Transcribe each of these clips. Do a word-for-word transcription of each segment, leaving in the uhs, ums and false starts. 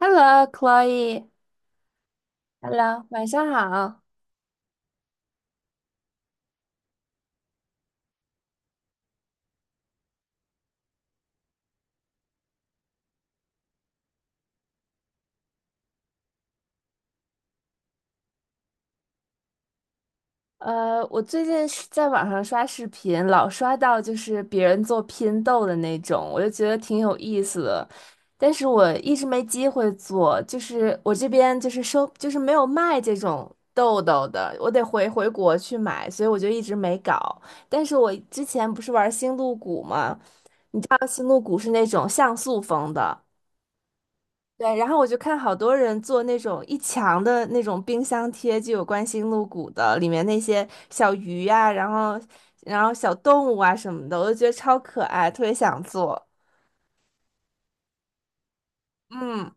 Hello，Chloe，Hello，晚上好。呃，我最近是在网上刷视频，老刷到就是别人做拼豆的那种，我就觉得挺有意思的，但是我一直没机会做，就是我这边就是收，就是没有卖这种豆豆的，我得回回国去买，所以我就一直没搞。但是我之前不是玩星露谷吗？知道星露谷是那种像素风的。对，然后我就看好多人做那种一墙的那种冰箱贴，就有关心露骨的，里面那些小鱼呀、然后然后小动物啊什么的，我就觉得超可爱，特别想做。嗯。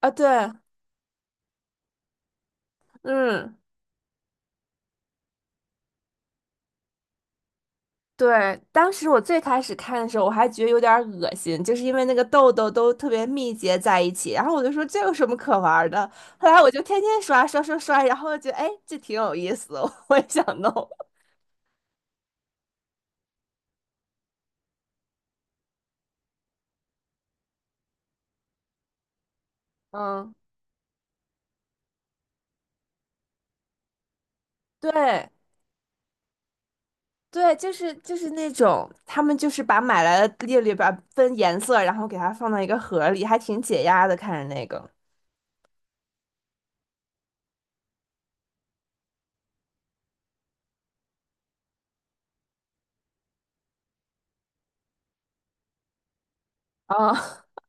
啊对。嗯对，当时我最开始看的时候，我还觉得有点儿恶心，就是因为那个痘痘都特别密结在一起，然后我就说这有什么可玩儿的？后来我就天天刷刷刷刷，然后就觉得哎，这挺有意思的，我也想弄。嗯。对。对，就是就是那种，他们就是把买来的列里边分颜色，然后给它放到一个盒里，还挺解压的。看着那个啊，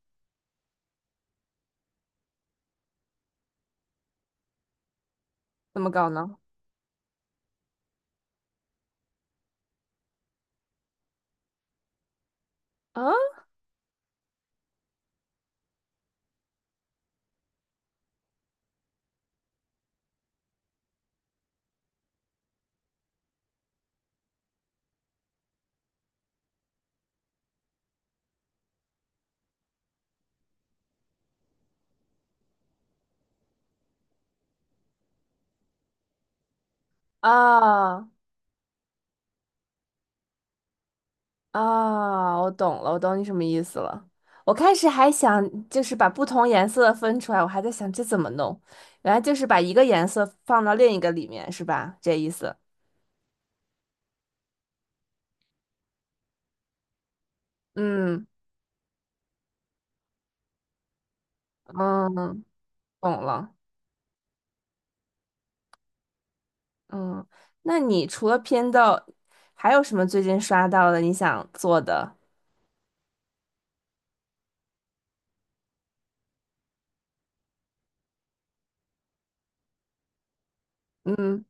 怎么搞呢？啊啊啊！我懂了，我懂你什么意思了。我开始还想就是把不同颜色分出来，我还在想这怎么弄，原来就是把一个颜色放到另一个里面，是吧？这意思。嗯嗯，嗯，懂了。嗯，那你除了偏导，还有什么最近刷到的你想做的？嗯，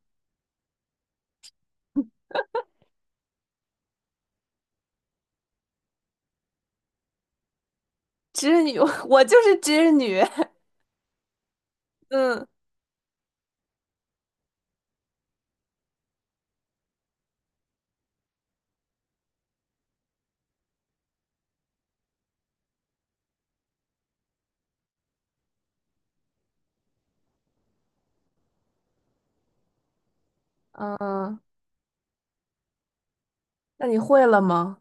织女，我就是织女。嗯嗯，那你会了吗？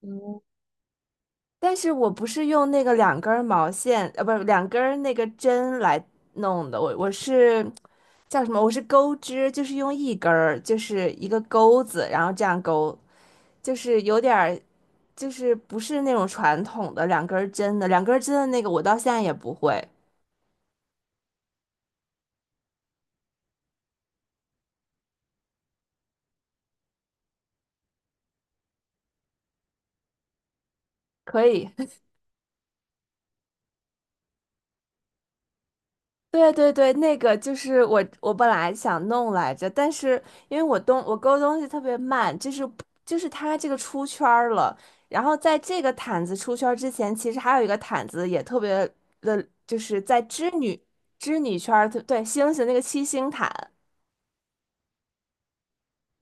嗯，但是我不是用那个两根儿毛线，呃，不是两根儿那个针来弄的，我我是叫什么？我是钩织，就是用一根儿，就是一个钩子，然后这样钩，就是有点儿就是不是那种传统的两根儿针的，两根儿针的那个我到现在也不会。可以，对对对，那个就是我，我本来想弄来着，但是因为我东我勾东西特别慢，就是就是它这个出圈儿了，然后在这个毯子出圈儿之前，其实还有一个毯子也特别的，就是在织女织女圈儿，对，星星那个七星毯，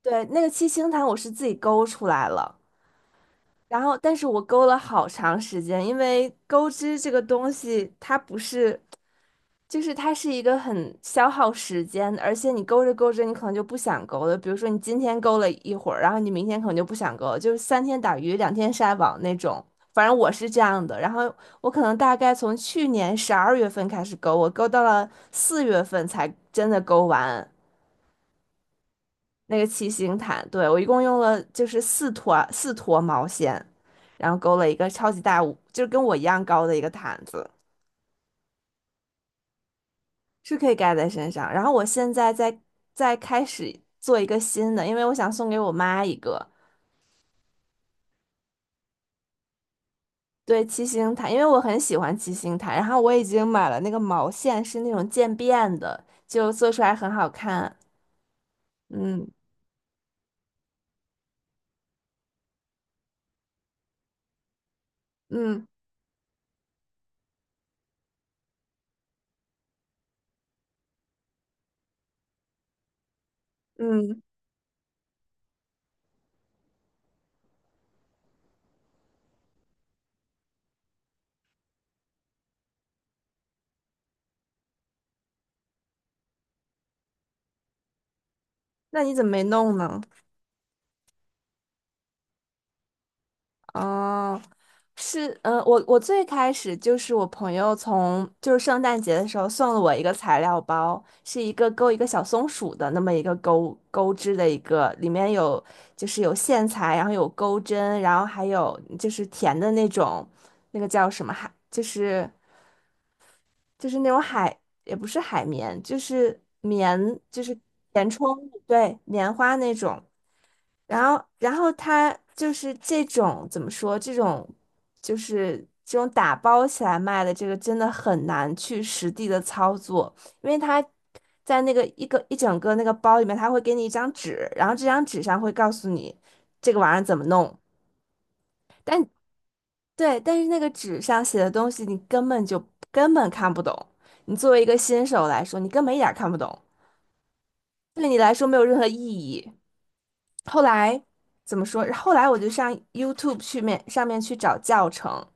对，那个七星毯我是自己勾出来了。然后，但是我勾了好长时间，因为钩织这个东西，它不是就是它是一个很消耗时间，而且你勾着勾着，你可能就不想勾了。比如说你今天勾了一会儿，然后你明天可能就不想勾了，就是三天打鱼两天晒网那种。反正我是这样的，然后我可能大概从去年十二月份开始勾，我勾到了四月份才真的勾完那个七星毯。对，我一共用了就是四坨四坨毛线，然后勾了一个超级大，就是跟我一样高的一个毯子。是可以盖在身上。然后我现在在在开始做一个新的，因为我想送给我妈一个，对，七星毯，因为我很喜欢七星毯。然后我已经买了那个毛线，是那种渐变的，就做出来很好看。嗯嗯嗯，那你怎么没弄呢？哦。是，嗯，我我最开始就是我朋友从就是圣诞节的时候送了我一个材料包，是一个钩一个小松鼠的那么一个钩钩织的一个，里面有就是有线材，然后有钩针，然后还有就是甜的那种，那个叫什么海，就是就是那种海也不是海绵，就是棉，就是填充物，对，棉花那种。然后，然后他就是这种怎么说？这种就是这种打包起来卖的，这个真的很难去实地的操作，因为他在那个一个一整个那个包里面，他会给你一张纸，然后这张纸上会告诉你这个玩意儿怎么弄。但对，但是那个纸上写的东西，你根本就根本看不懂。你作为一个新手来说，你根本一点儿看不懂，对你来说没有任何意义。后来怎么说？后来我就上 YouTube 去面上面去找教程，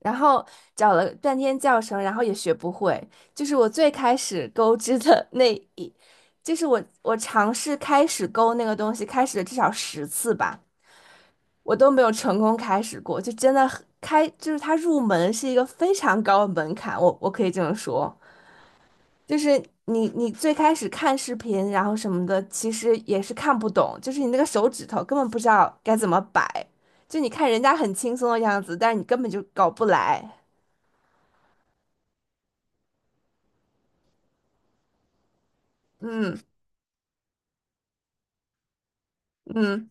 然后找了半天教程，然后也学不会。就是我最开始钩织的 那一，就是我我尝试开始钩那个东西，开始了至少十次吧，我都没有成功开始过。就真的很开，就是它入门是一个非常高的门槛，我我可以这么说。就是你你最开始看视频，然后什么的，其实也是看不懂，就是你那个手指头根本不知道该怎么摆，就你看人家很轻松的样子，但是你根本就搞不来。嗯嗯，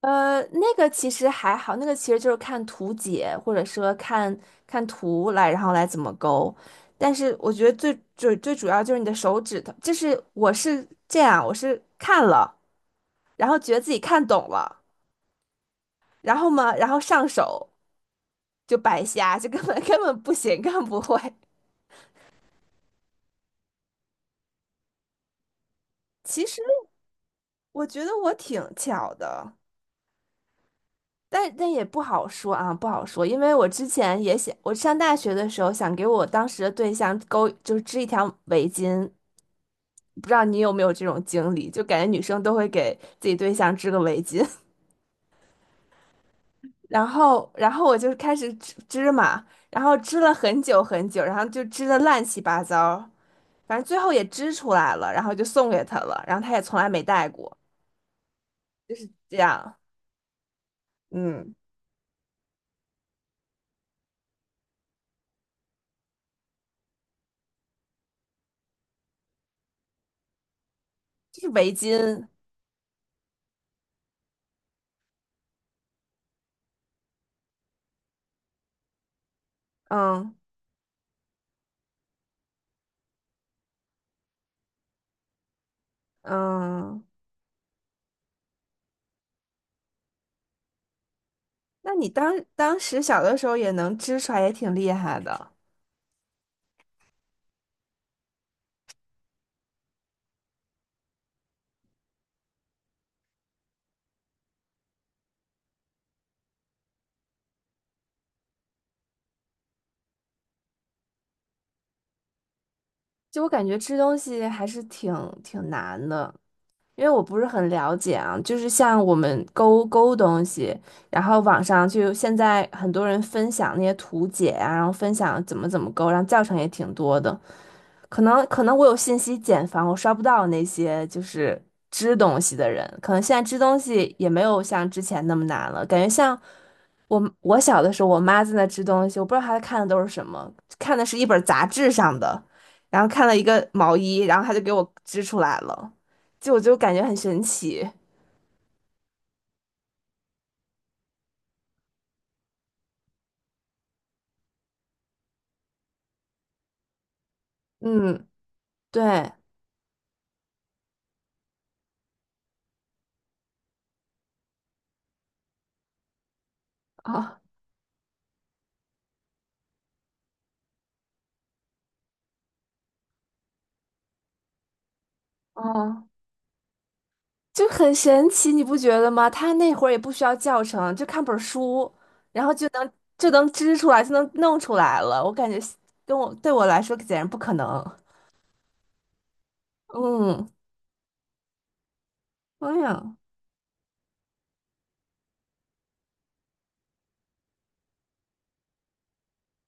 呃，那个其实还好，那个其实就是看图解，或者说看看图来，然后来怎么勾。但是我觉得最最最主要就是你的手指头，就是我是这样，我是看了，然后觉得自己看懂了，然后嘛，然后上手。就白瞎，就根本 根本不行，根本不会。其实我觉得我挺巧的，但但也不好说啊，不好说，因为我之前也想，我上大学的时候想给我当时的对象勾，就是织一条围巾，不知道你有没有这种经历，就感觉女生都会给自己对象织个围巾。然后，然后我就开始织织嘛，然后织了很久很久，然后就织的乱七八糟，反正最后也织出来了，然后就送给他了，然后他也从来没戴过，就是这样。嗯。就是围巾。嗯嗯，那你当当时小的时候也能织出来，也挺厉害的，就我感觉织东西还是挺挺难的。因为我不是很了解啊，就是像我们勾勾东西，然后网上就现在很多人分享那些图解啊，然后分享怎么怎么勾，然后教程也挺多的。可能可能我有信息茧房，我刷不到那些就是织东西的人，可能现在织东西也没有像之前那么难了，感觉像我我小的时候，我妈在那织东西，我不知道她看的都是什么，看的是一本杂志上的，然后看了一个毛衣，然后她就给我织出来了，就我就感觉很神奇。嗯。对。啊。哦。就很神奇，你不觉得吗？他那会儿也不需要教程，就看本儿书，然后就能就能织出来，就能弄出来了。我感觉跟我对我来说简直不可能。嗯。哎呀，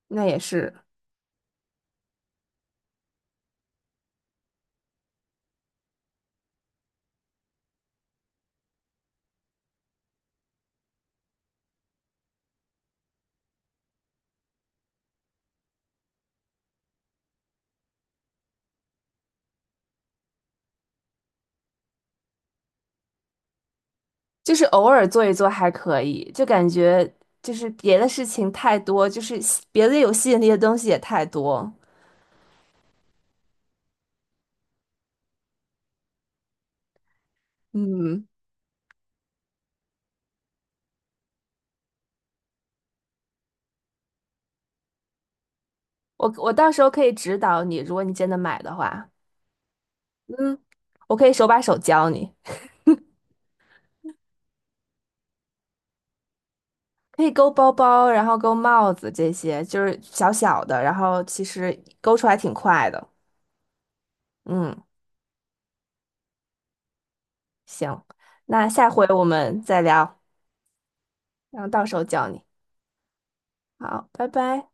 那也是，就是偶尔做一做还可以，就感觉就是别的事情太多，就是吸别的有吸引力的东西也太多。嗯，我我到时候可以指导你，如果你真的买的话，嗯，我可以手把手教你。可以勾包包，然后勾帽子这些，就是小小的，然后其实勾出来挺快的。嗯，行，那下回我们再聊，然后到时候教你。好，拜拜。